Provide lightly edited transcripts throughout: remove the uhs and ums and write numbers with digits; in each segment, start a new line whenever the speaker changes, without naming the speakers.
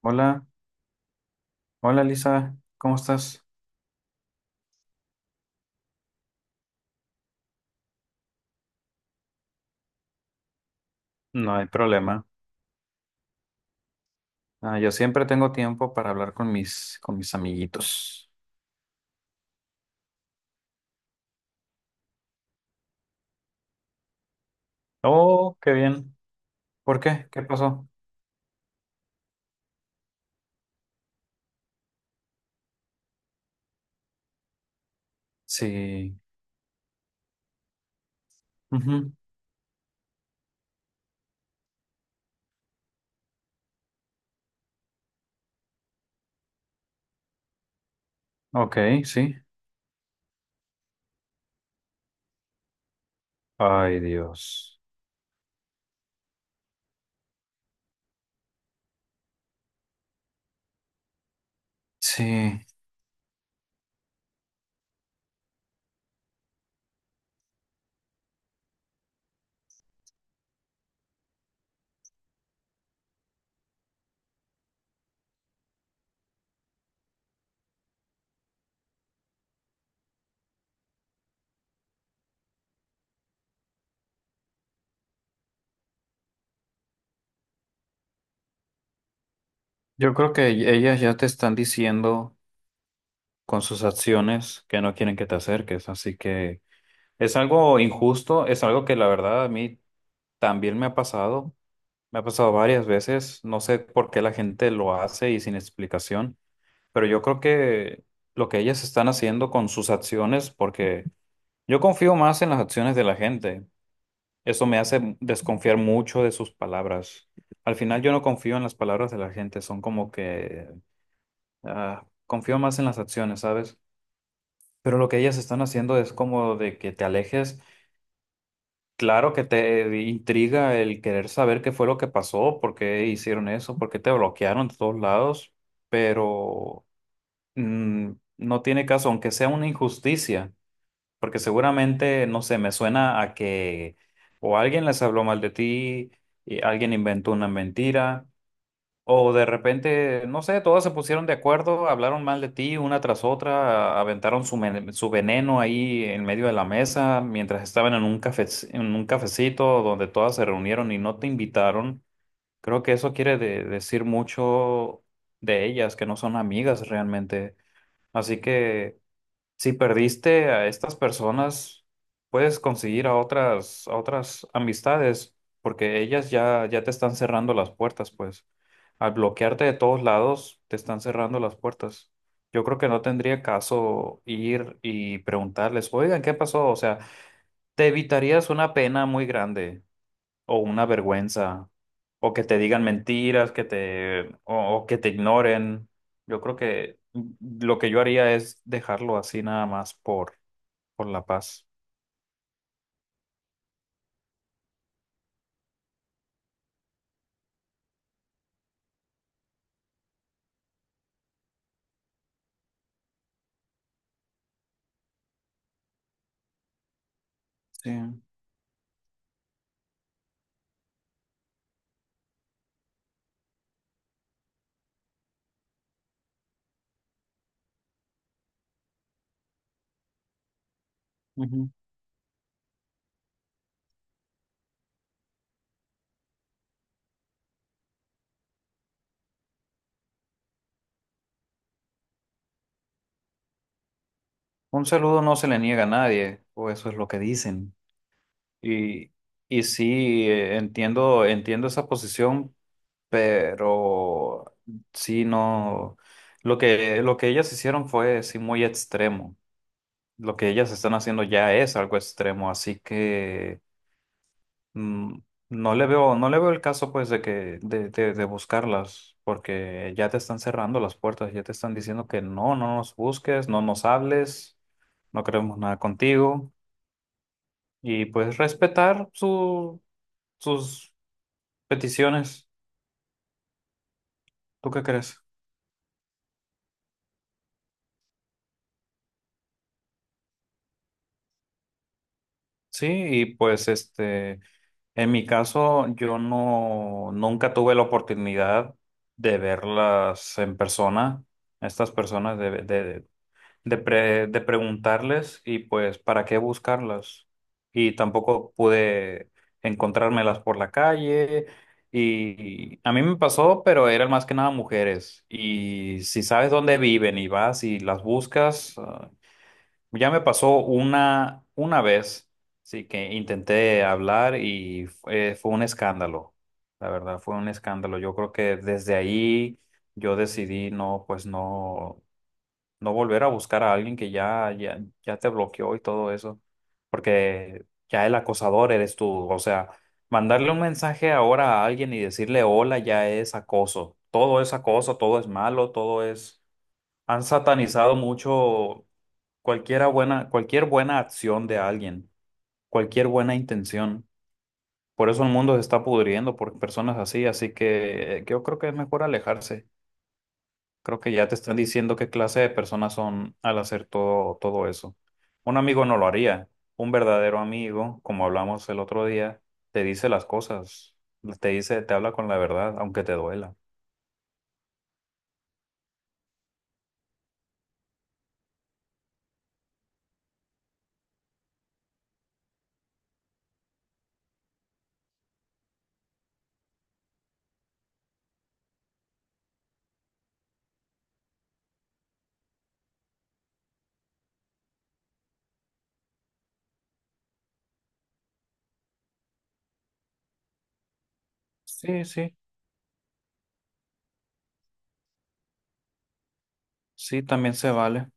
Hola, hola Lisa, ¿cómo estás? No hay problema. Ah, yo siempre tengo tiempo para hablar con mis amiguitos. Oh, qué bien. ¿Por qué? ¿Qué pasó? Sí. Ujú. Ok, sí. Ay, Dios. Sí. Yo creo que ellas ya te están diciendo con sus acciones que no quieren que te acerques, así que es algo injusto, es algo que la verdad a mí también me ha pasado. Me ha pasado varias veces, no sé por qué la gente lo hace y sin explicación, pero yo creo que lo que ellas están haciendo con sus acciones, porque yo confío más en las acciones de la gente, eso me hace desconfiar mucho de sus palabras. Al final yo no confío en las palabras de la gente, son como que confío más en las acciones, ¿sabes? Pero lo que ellas están haciendo es como de que te alejes. Claro que te intriga el querer saber qué fue lo que pasó, por qué hicieron eso, por qué te bloquearon de todos lados, pero mm, no tiene caso, aunque sea una injusticia, porque seguramente, no sé, me suena a que o alguien les habló mal de ti, y alguien inventó una mentira, o de repente, no sé, todas se pusieron de acuerdo, hablaron mal de ti una tras otra, aventaron su veneno ahí en medio de la mesa mientras estaban en un cafe, en un cafecito donde todas se reunieron y no te invitaron. Creo que eso quiere decir mucho de ellas, que no son amigas realmente. Así que. Si perdiste a estas personas, puedes conseguir a otras amistades, porque ellas ya te están cerrando las puertas, pues. Al bloquearte de todos lados, te están cerrando las puertas. Yo creo que no tendría caso ir y preguntarles, oigan, ¿qué pasó? O sea, te evitarías una pena muy grande o una vergüenza, o que te digan mentiras, o que te ignoren. Yo creo que lo que yo haría es dejarlo así nada más por la paz. Sí. Ujú. Un saludo no se le niega a nadie, o eso es lo que dicen. Y, y sí, entiendo esa posición, pero sí, no. Lo que ellas hicieron fue sí muy extremo. Lo que ellas están haciendo ya es algo extremo, así que Mm, no le veo el caso pues de que de buscarlas, porque ya te están cerrando las puertas, ya te están diciendo que no, no nos busques, no nos hables, no queremos nada contigo y pues respetar sus peticiones. ¿Tú qué crees? Sí, y pues este, en mi caso yo no, nunca tuve la oportunidad de verlas en persona, estas personas de preguntarles y pues para qué buscarlas. Y tampoco pude encontrármelas por la calle. Y a mí me pasó, pero eran más que nada mujeres. Y si sabes dónde viven y vas y las buscas, ah, ya me pasó una vez, sí, que intenté hablar y fue un escándalo. La verdad, fue un escándalo. Yo creo que desde ahí yo decidí no, pues no volver a buscar a alguien que ya te bloqueó y todo eso, porque ya el acosador eres tú, o sea, mandarle un mensaje ahora a alguien y decirle hola ya es acoso, todo es acoso, todo es malo, todo es. Han satanizado mucho cualquier buena acción de alguien, cualquier buena intención. Por eso el mundo se está pudriendo por personas así, así que yo creo que es mejor alejarse. Creo que ya te están diciendo qué clase de personas son al hacer todo eso. Un amigo no lo haría. Un verdadero amigo, como hablamos el otro día, te dice las cosas, te habla con la verdad, aunque te duela. Sí, sí, sí, también se vale.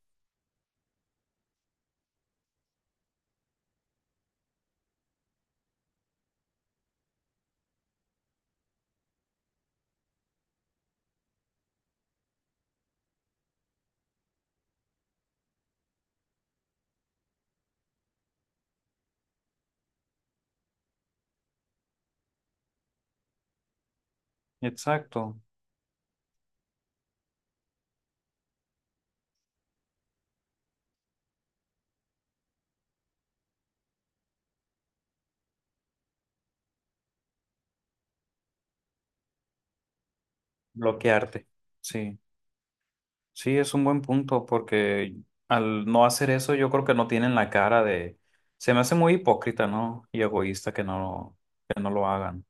Exacto. Bloquearte. Sí, sí, es un buen punto porque al no hacer eso yo creo que no tienen la cara de. Se me hace muy hipócrita, ¿no? Y egoísta que no lo hagan.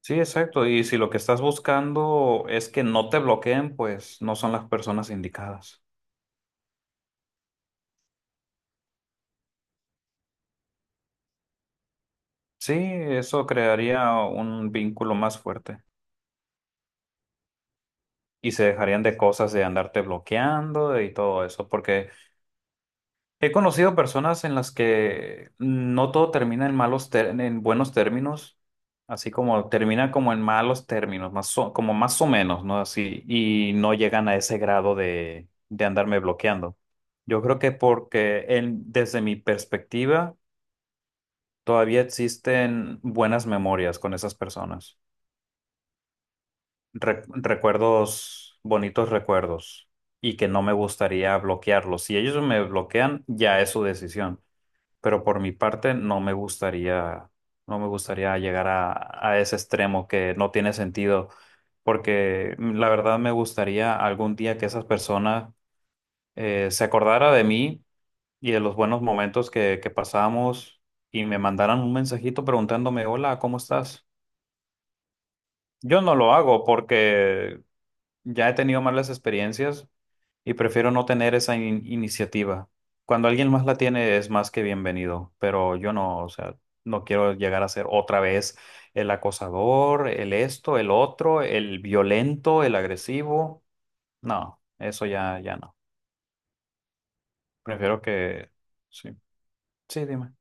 Sí, exacto. Y si lo que estás buscando es que no te bloqueen, pues no son las personas indicadas. Sí, eso crearía un vínculo más fuerte y se dejarían de cosas de andarte bloqueando y todo eso, porque he conocido personas en las que no todo termina en buenos términos, así como termina como en malos términos, como más o menos, ¿no? Así, y no llegan a ese grado de andarme bloqueando. Yo creo que porque desde mi perspectiva todavía existen buenas memorias con esas personas, recuerdos, bonitos recuerdos, y que no me gustaría bloquearlos. Si ellos me bloquean, ya es su decisión, pero por mi parte no me gustaría, llegar a ese extremo que no tiene sentido, porque la verdad me gustaría algún día que esas personas se acordara de mí y de los buenos momentos que pasamos y me mandaran un mensajito preguntándome, hola, ¿cómo estás? Yo no lo hago porque ya he tenido malas experiencias y prefiero no tener esa iniciativa. Cuando alguien más la tiene es más que bienvenido, pero yo no, o sea, no quiero llegar a ser otra vez el acosador, el esto, el otro, el violento, el agresivo. No, eso ya no. Prefiero que. Sí, sí, dime.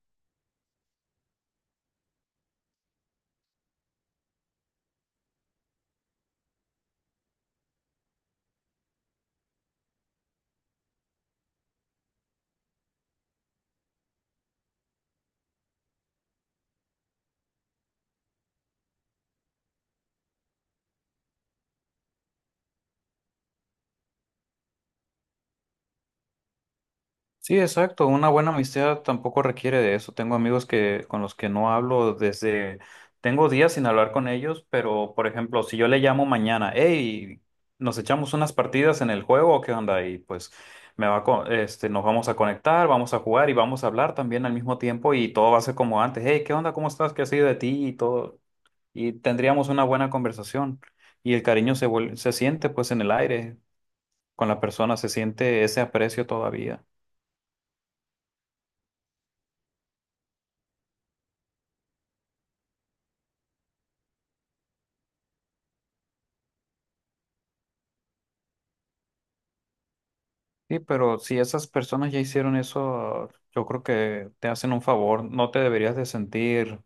Sí, exacto. Una buena amistad tampoco requiere de eso. Tengo amigos que con los que no hablo tengo días sin hablar con ellos, pero por ejemplo, si yo le llamo mañana, hey, nos echamos unas partidas en el juego, ¿o qué onda? Y pues me va a co- este, nos vamos a conectar, vamos a jugar y vamos a hablar también al mismo tiempo y todo va a ser como antes. Hey, ¿qué onda? ¿Cómo estás? ¿Qué ha sido de ti? Y todo. Y tendríamos una buena conversación. Y el cariño se siente pues en el aire. Con la persona se siente ese aprecio todavía. Sí, pero si esas personas ya hicieron eso, yo creo que te hacen un favor. No te deberías de sentir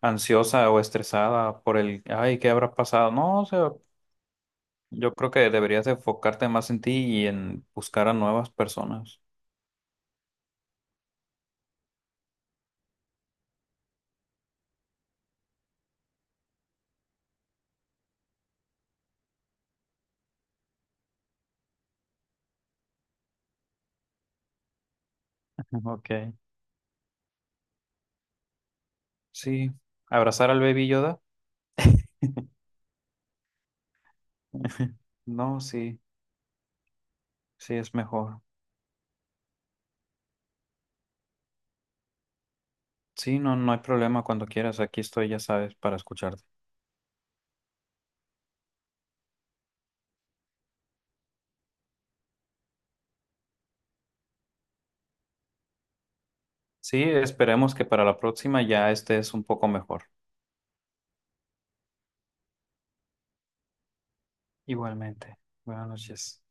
ansiosa o estresada por el, ay, ¿qué habrá pasado? No, o sea, yo creo que deberías de enfocarte más en ti y en buscar a nuevas personas. Ok. Sí, abrazar al baby Yoda. No, sí, sí es mejor. Sí, no, no hay problema cuando quieras. Aquí estoy, ya sabes, para escucharte. Sí, esperemos que para la próxima ya estés un poco mejor. Igualmente. Buenas noches.